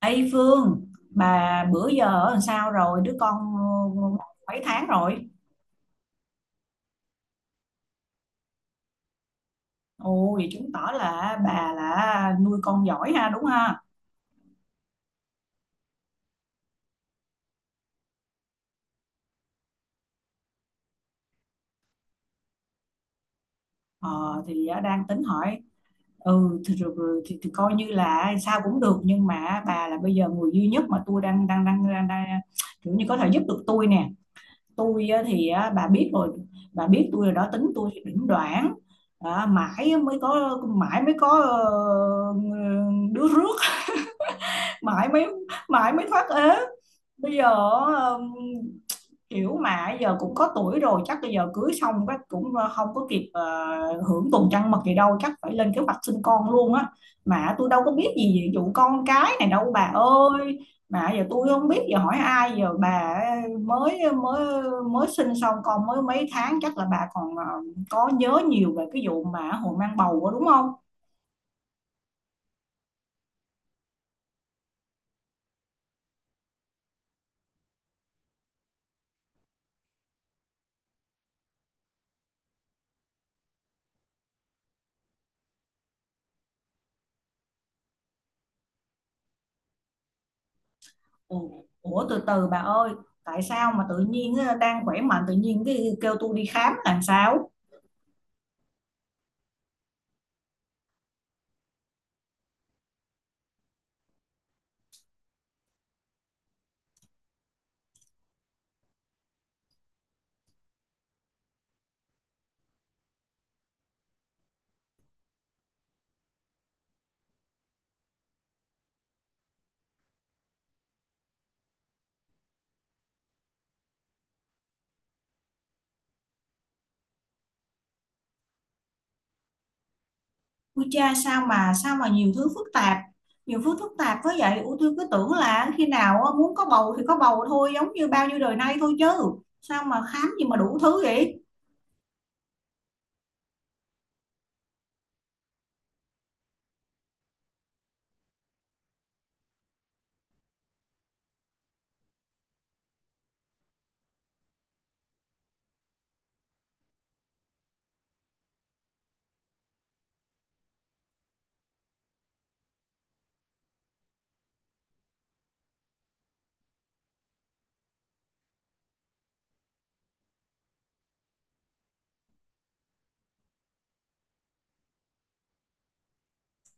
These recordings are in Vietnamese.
Ê Phương, bà bữa giờ làm sao rồi? Đứa con mấy tháng rồi? Ồ, vậy chứng tỏ là bà là nuôi con giỏi ha, đúng ha? Đang tính hỏi. Ừ thì, rồi- rồi- thì coi như là sao cũng được, nhưng mà bà là bây giờ người duy nhất mà tôi đang kiểu như có thể giúp được tôi nè. Tôi ờ, thì ờ, bà biết rồi, bà biết tôi rồi đó, tính tôi thì đỉnh đoạn. Đó, mãi mới có ờ, đứa rước. mãi mới mãi mới thoát ế bây giờ. um, Kiểu mà giờ cũng có tuổi rồi, chắc bây giờ cưới xong cái cũng không có kịp hưởng tuần trăng mật gì đâu, chắc phải lên kế hoạch sinh con luôn á. Mà tôi đâu có biết gì về vụ con cái này đâu bà ơi, mà giờ tôi không biết giờ hỏi ai giờ bà. Ờ, mới mới Mới sinh xong con mới mấy tháng, chắc là bà còn có nhớ nhiều về cái vụ mà hồi mang bầu đó, đúng không? Ừ. Ủa từ từ bà ơi. Tại sao mà tự nhiên á, đang khỏe mạnh tự nhiên cái kêu tôi đi khám làm sao? Ui cha, sao mà nhiều thứ phức tạp. Nhiều thứ phức tạp quá vậy. Ủa tôi cứ tưởng là khi nào á, muốn có bầu thì có bầu thôi, giống như bao nhiêu đời nay thôi chứ. Sao mà khám gì mà đủ thứ vậy?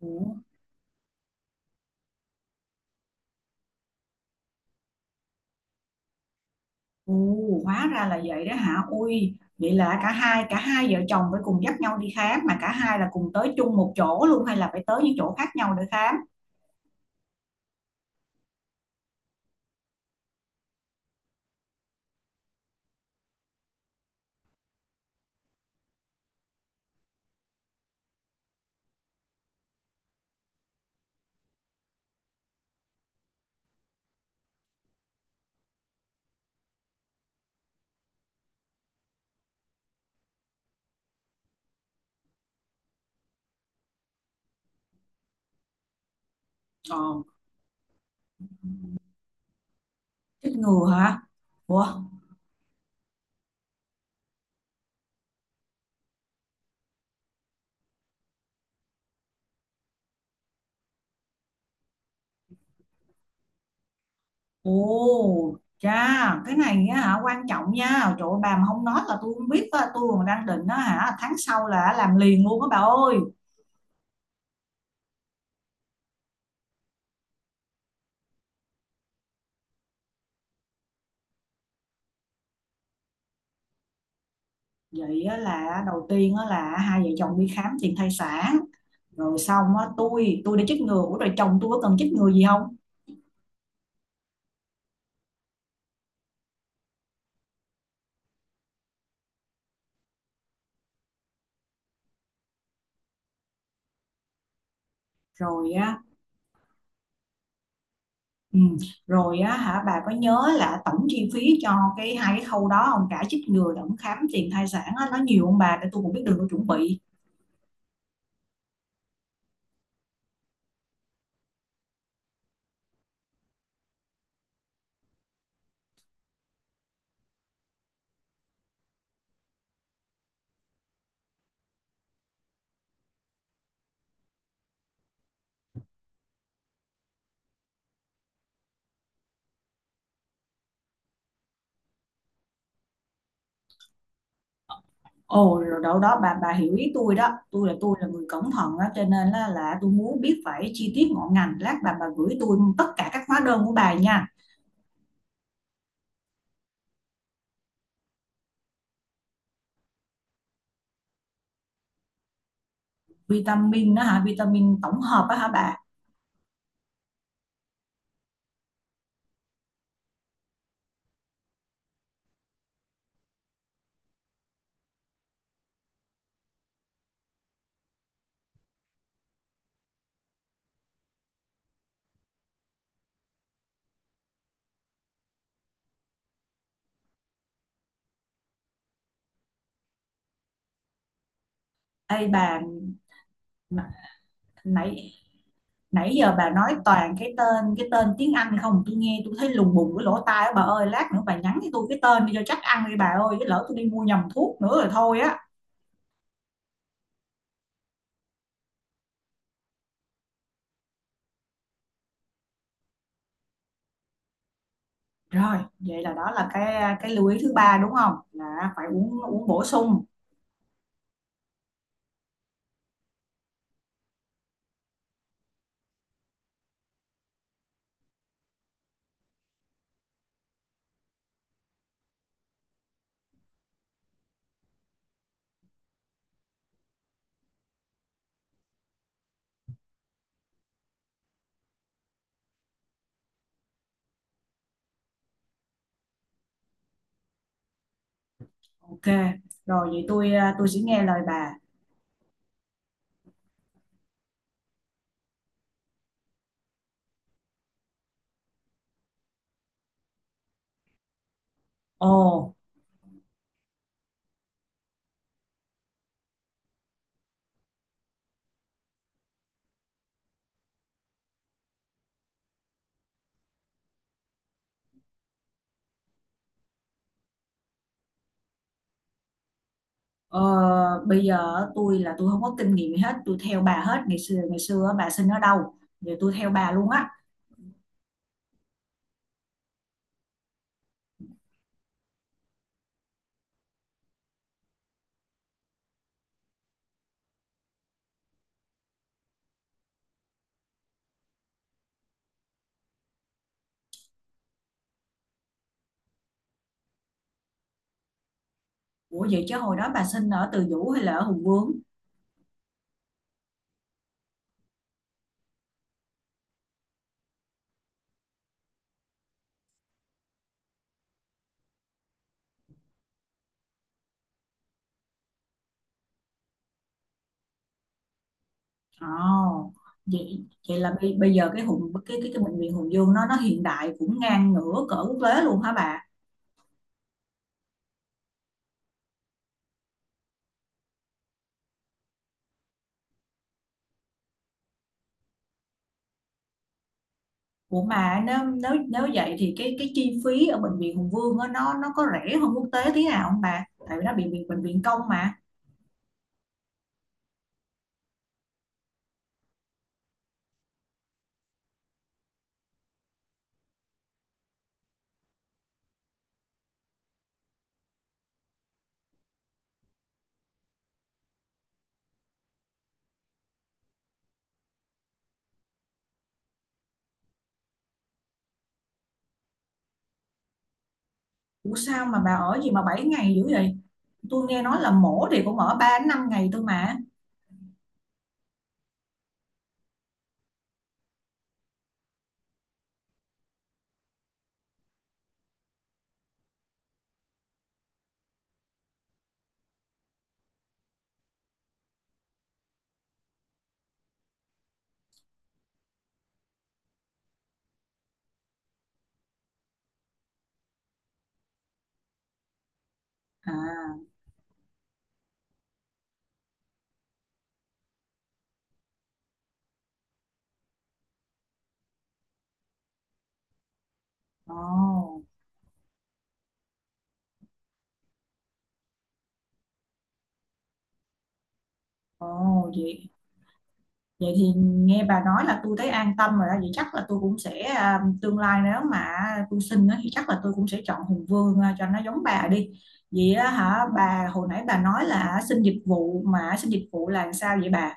Ủa, Ồ, hóa ra là vậy đó hả. Ui vậy là cả hai vợ chồng phải cùng dắt nhau đi khám? Mà cả hai là cùng tới chung một chỗ luôn, hay là phải tới những chỗ khác nhau để khám? Ờ, chết ngừa hả? Ủa Ồ cha, cái này á hả, quan trọng nha. Trời ơi, bà mà không nói là tôi không biết á, tôi còn đang định á hả tháng sau là làm liền luôn á bà ơi. Vậy á, là đầu tiên á, là hai vợ chồng đi khám tiền thai sản, rồi xong á, tôi đã chích ngừa, ủa rồi chồng tôi có cần chích ngừa gì không? Rồi á. Ừ, rồi á hả, bà có nhớ là tổng chi phí cho cái hai cái khâu đó không? Cả chích ngừa lẫn khám tiền thai sản á, nó nhiều không bà? Để tôi cũng biết đường tôi chuẩn bị. Ồ rồi, đâu đó bà hiểu ý tôi đó, tôi là người cẩn thận đó, cho nên là tôi muốn biết phải chi tiết ngọn ngành, lát bà gửi tôi tất cả các hóa đơn của bà nha. Vitamin đó hả, vitamin tổng hợp đó hả bà? Ê bà, n- nãy nãy giờ bà nói toàn cái tên tiếng Anh không, tôi nghe tôi thấy lùng bùng cái lỗ tai á bà ơi, lát nữa bà nhắn cho tôi cái tên đi cho chắc ăn đi bà ơi, chứ lỡ tôi đi mua nhầm thuốc nữa rồi thôi á. Rồi vậy là đó là cái lưu ý thứ ba đúng không, là phải uống uống bổ sung. Ok, rồi vậy tôi à, tôi sẽ nghe lời bà. Ồ, ờ, Bây giờ tôi là tôi không có kinh nghiệm gì hết, tôi theo bà hết. Ngày xưa á, bà sinh ở đâu, giờ tôi theo bà luôn á. Ủa vậy chứ hồi đó bà sinh ở Từ Dũ hay là ở Hùng Vương? Ồ, vậy vậy là bây giờ cái Hùng cái bệnh viện Hùng Vương nó hiện đại cũng ngang ngửa cỡ quốc tế luôn hả bà? Ủa mà nếu nếu nếu vậy thì cái chi phí ở bệnh viện Hùng Vương á, nó có rẻ hơn quốc tế tí nào không bà? Tại vì nó bị bệnh viện công mà. Ủa sao mà bà ở gì mà 7 ngày dữ vậy? Tôi nghe nói là mổ thì cũng ở 3 đến 5 ngày thôi mà. À, ồ, Ồ, vậy, vậy thì nghe bà nói là tôi thấy an tâm rồi đó. Vậy chắc là tôi cũng sẽ, à, tương lai nếu mà tôi sinh á, thì chắc là tôi cũng sẽ chọn Hùng Vương à, cho nó giống bà đi. Vậy á hả, bà hồi nãy bà nói là xin dịch vụ, mà xin dịch vụ là sao vậy bà?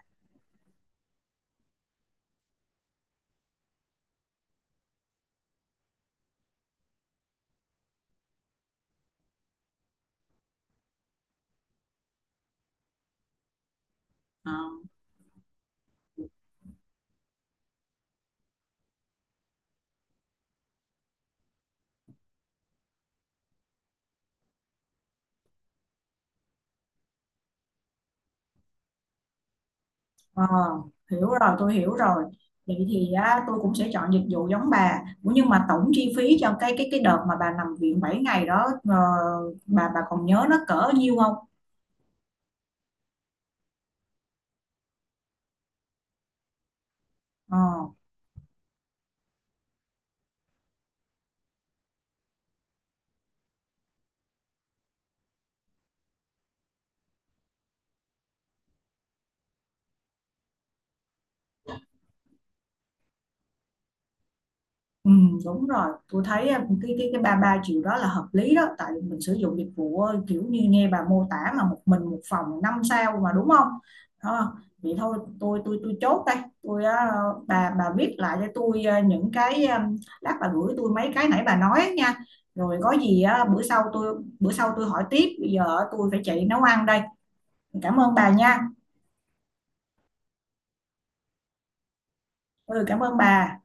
Ờ. Ờ, hiểu rồi, tôi hiểu rồi. Vậy thì á, tôi cũng sẽ chọn dịch vụ giống bà. Ủa nhưng mà tổng chi phí cho cái đợt mà bà nằm viện 7 ngày đó bà còn nhớ nó cỡ nhiêu không? Ờ. Ừ, đúng rồi, tôi thấy à, cái 3 triệu đó là hợp lý đó, tại mình sử dụng dịch vụ kiểu như nghe bà mô tả mà một mình một phòng 5 sao mà, đúng không? Đó, vậy thôi tôi chốt đây. Tôi bà viết lại cho tôi những cái lát bà gửi tôi mấy cái nãy bà nói á nha. Rồi có gì á, bữa sau tôi hỏi tiếp. Bây giờ tôi phải chạy nấu ăn đây. Cảm ơn bà nha. Ừ cảm ơn bà.